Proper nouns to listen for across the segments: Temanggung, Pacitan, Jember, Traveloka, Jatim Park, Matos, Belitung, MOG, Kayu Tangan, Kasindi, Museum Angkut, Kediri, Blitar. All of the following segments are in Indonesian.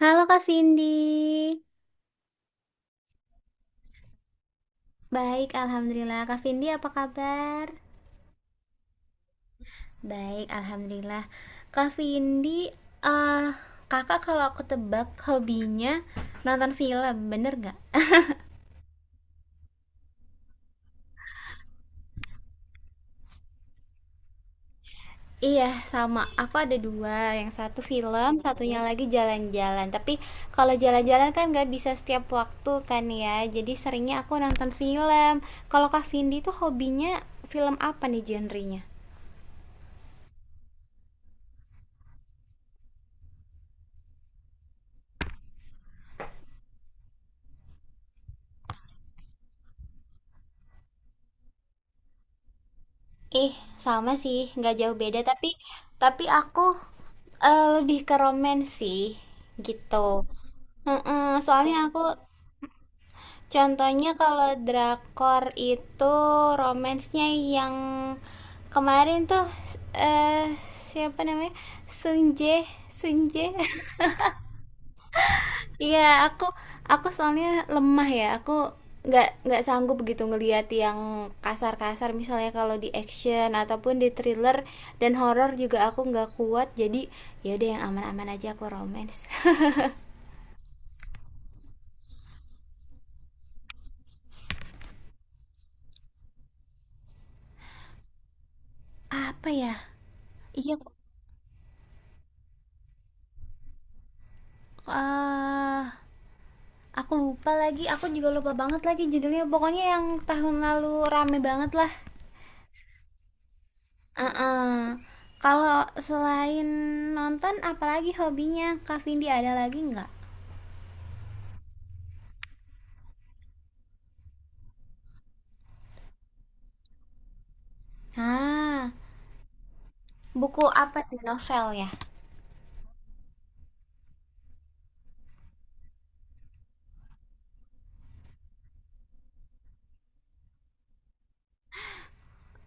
Halo Kak Vindi. Baik, Alhamdulillah. Kak Vindi, apa kabar? Baik, Alhamdulillah. Kak Vindi, eh kakak kalau aku tebak hobinya nonton film, bener gak? Iya, sama. Aku ada dua. Yang satu film, satunya lagi jalan-jalan. Tapi kalau jalan-jalan kan nggak bisa setiap waktu kan ya. Jadi seringnya aku nonton film. Kalau Kak Vindi tuh hobinya film apa nih genrenya? Ih, sama sih, nggak jauh beda. Tapi aku lebih ke romance sih, gitu. Mm-mm, soalnya aku, contohnya kalau drakor itu romansnya yang kemarin tuh, s- eh, siapa namanya? Sunje, Sunje. Iya, aku aku soalnya lemah ya. Aku nggak sanggup begitu ngelihat yang kasar-kasar misalnya kalau di action ataupun di thriller dan horor juga aku nggak kuat. Jadi ya udah yang aman-aman aja aku romance. Apa ya? Iya, eh aku lupa lagi. Aku juga lupa banget lagi judulnya. Pokoknya yang tahun lalu rame banget lah. Heeh. Kalau selain nonton, apalagi hobinya Kak Vindi ada lagi nggak? Ah, buku apa tuh? Novel ya?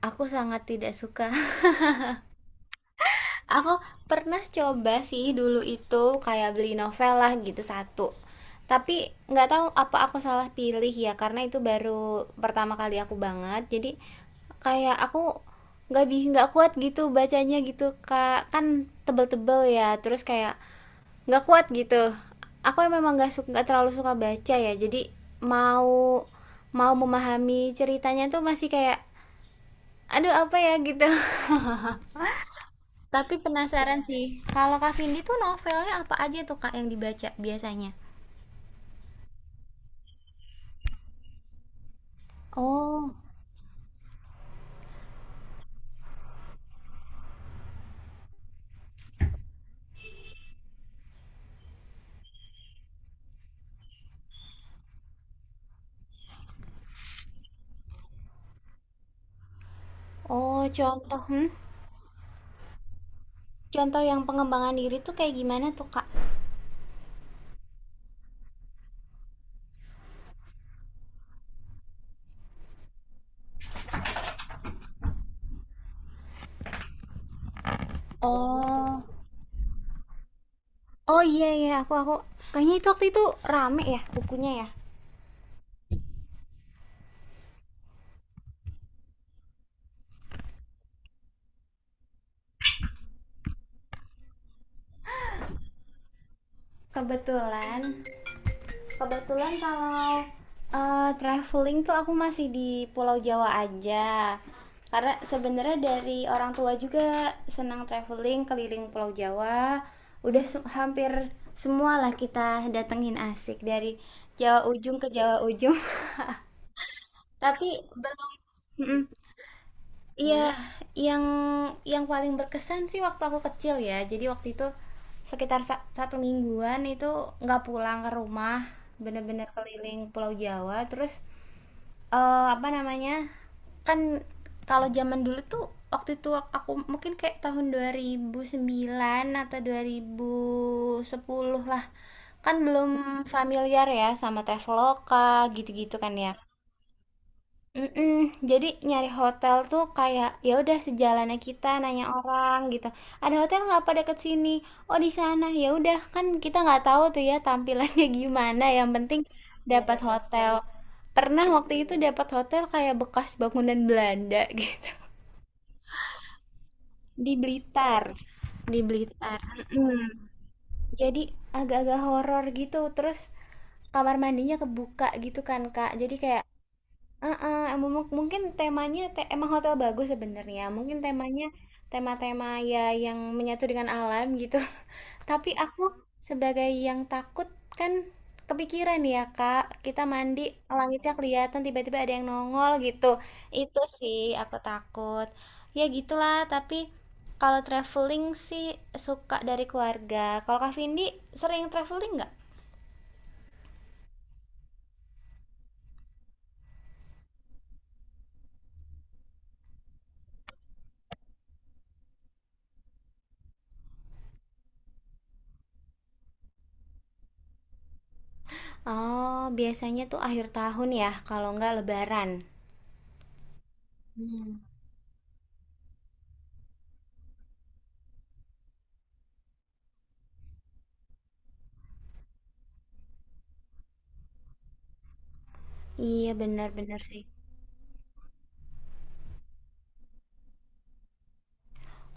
Aku sangat tidak suka. Aku pernah coba sih dulu itu kayak beli novel lah gitu satu. Tapi nggak tahu apa aku salah pilih ya karena itu baru pertama kali aku banget. Jadi kayak aku nggak kuat gitu bacanya gitu kak kan tebel-tebel ya terus kayak nggak kuat gitu aku memang nggak suka nggak terlalu suka baca ya jadi mau mau memahami ceritanya tuh masih kayak aduh apa ya gitu. Tapi penasaran sih kalau Kak Vindi tuh novelnya apa aja tuh Kak yang dibaca biasanya. Oh, oh contoh hmm? Contoh yang pengembangan diri tuh kayak gimana tuh Kak? Oh, oh iya iya aku kayaknya itu waktu itu rame ya bukunya ya. Kebetulan Kebetulan kalau traveling tuh aku masih di Pulau Jawa aja. Karena sebenarnya dari orang tua juga senang traveling keliling Pulau Jawa. Udah hampir semua lah kita datengin asik dari Jawa ujung ke Jawa ujung. Tapi belum. Mm-mm. Iya, yang yang paling berkesan sih waktu aku kecil ya. Jadi waktu itu sekitar satu mingguan itu nggak pulang ke rumah, bener-bener keliling Pulau Jawa. Terus apa namanya? Kan kalau zaman dulu tuh waktu itu aku mungkin kayak tahun 2009 atau 2010 lah. Kan belum familiar ya sama Traveloka gitu-gitu kan ya. Mhm, jadi nyari hotel tuh kayak ya udah sejalannya kita nanya orang gitu. Ada hotel nggak apa deket sini? Oh di sana. Ya udah kan kita nggak tahu tuh ya tampilannya gimana. Yang penting dapat hotel. Pernah waktu itu dapat hotel kayak bekas bangunan Belanda gitu. Di Blitar. Di Blitar. Mhm. Jadi agak-agak horor gitu. Terus kamar mandinya kebuka gitu kan Kak. Jadi kayak, heeh, mu mu mungkin temanya emang hotel bagus sebenarnya. Mungkin temanya tema-tema ya yang menyatu dengan alam gitu. Tapi aku sebagai yang takut kan kepikiran ya, Kak. Kita mandi, langitnya kelihatan tiba-tiba ada yang nongol gitu. Itu sih aku takut. Ya gitulah, tapi kalau traveling sih suka dari keluarga. Kalau Kak Vindi sering traveling nggak? Oh, biasanya tuh akhir tahun ya, kalau nggak lebaran. Hmm. Iya, benar benar sih.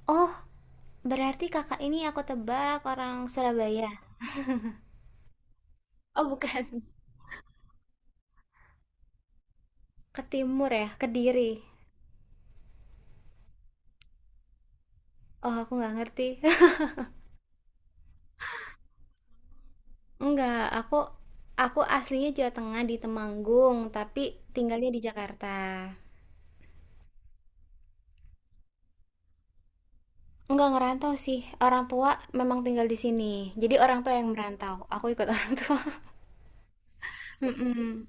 Oh, berarti Kakak ini aku tebak orang Surabaya. Oh, bukan. Ke timur ya, Kediri. Oh, aku nggak ngerti. Nggak, aku aslinya Jawa Tengah di Temanggung, tapi tinggalnya di Jakarta. Nggak ngerantau sih. Orang tua memang tinggal di sini. Jadi orang tua yang merantau. Aku ikut orang tua. Mm-mm.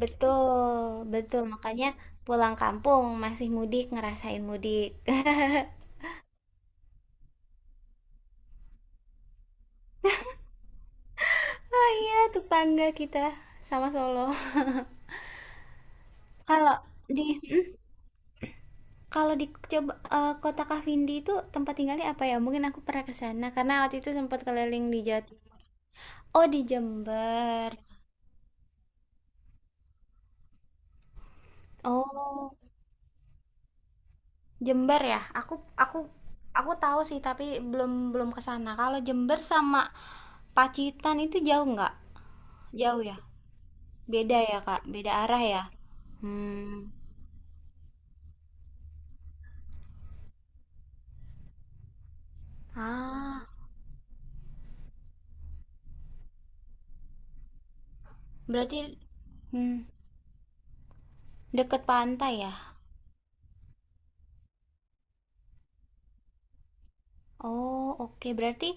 Betul, betul. Makanya pulang kampung masih mudik, ngerasain mudik. Iya, tetangga kita sama Solo. Kalau di mhm, kalau di coba kota Kasindi itu tempat tinggalnya apa ya? Mungkin aku pernah ke sana karena waktu itu sempat keliling di Jawa. Oh di Jember. Oh, Jember ya? Aku aku tahu sih tapi belum belum ke sana. Kalau Jember sama Pacitan itu jauh nggak? Jauh ya? Beda ya, Kak? Beda arah ya? Hmm. Ah, berarti hmm, deket pantai ya? Oh, oke. Berarti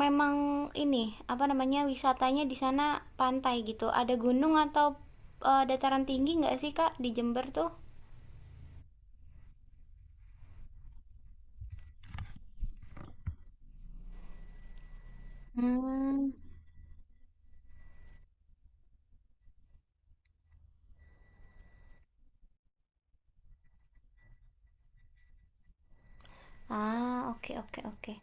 memang ini, apa namanya, wisatanya di sana pantai gitu. Ada gunung atau dataran tinggi nggak sih, Kak, di Jember tuh? Hmm. Ah, oke, oke, oke.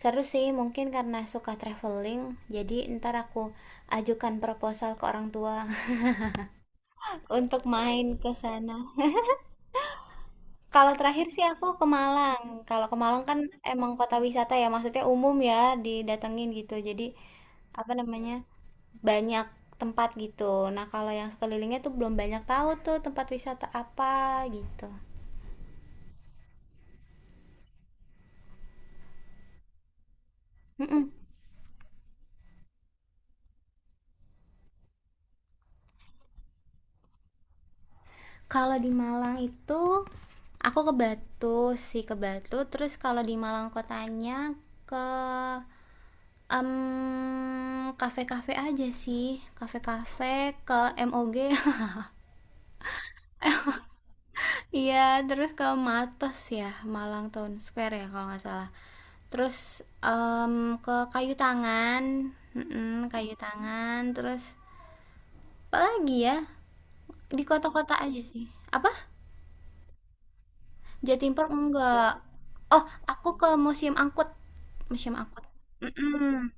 Seru sih, mungkin karena suka traveling, jadi ntar aku ajukan proposal ke orang tua untuk main ke sana. Kalau terakhir sih aku ke Malang. Kalau ke Malang kan emang kota wisata ya, maksudnya umum ya didatengin gitu. Jadi apa namanya banyak tempat gitu. Nah kalau yang sekelilingnya tuh belum banyak tahu tuh tempat wisata apa gitu. Mm-mm. Kalau di Malang itu aku ke Batu sih ke Batu. Terus kalau di Malang kotanya ke em, kafe-kafe aja sih, kafe-kafe ke MOG. Iya, terus ke Matos ya, Malang Town Square ya kalau nggak salah. Terus ke Kayu Tangan, mm-mm, Kayu Tangan, terus apa lagi ya? Di kota-kota aja sih. Apa? Jatim Park enggak. Oh, aku ke Museum Angkut. Museum Angkut. Mm-mm.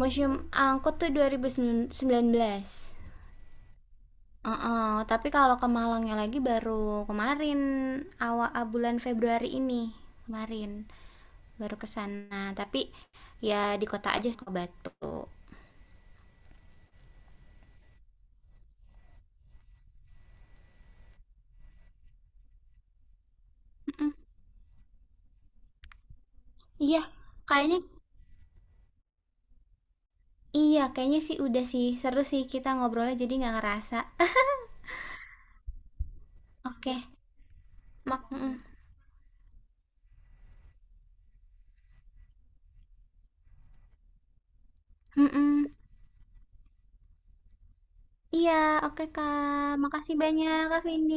Museum Angkut tuh 2019. Heeh, tapi kalau ke Malangnya lagi baru kemarin awal bulan Februari ini kemarin baru ke sana. Tapi ya di kota aja ke Batu. Mm-mm. Iya, kayaknya iya kayaknya sih udah sih seru sih kita ngobrolnya jadi nggak ngerasa. Oke, mak. Mm-mm. Mm-mm. Iya, oke Kak. Makasih banyak Kak Vindi.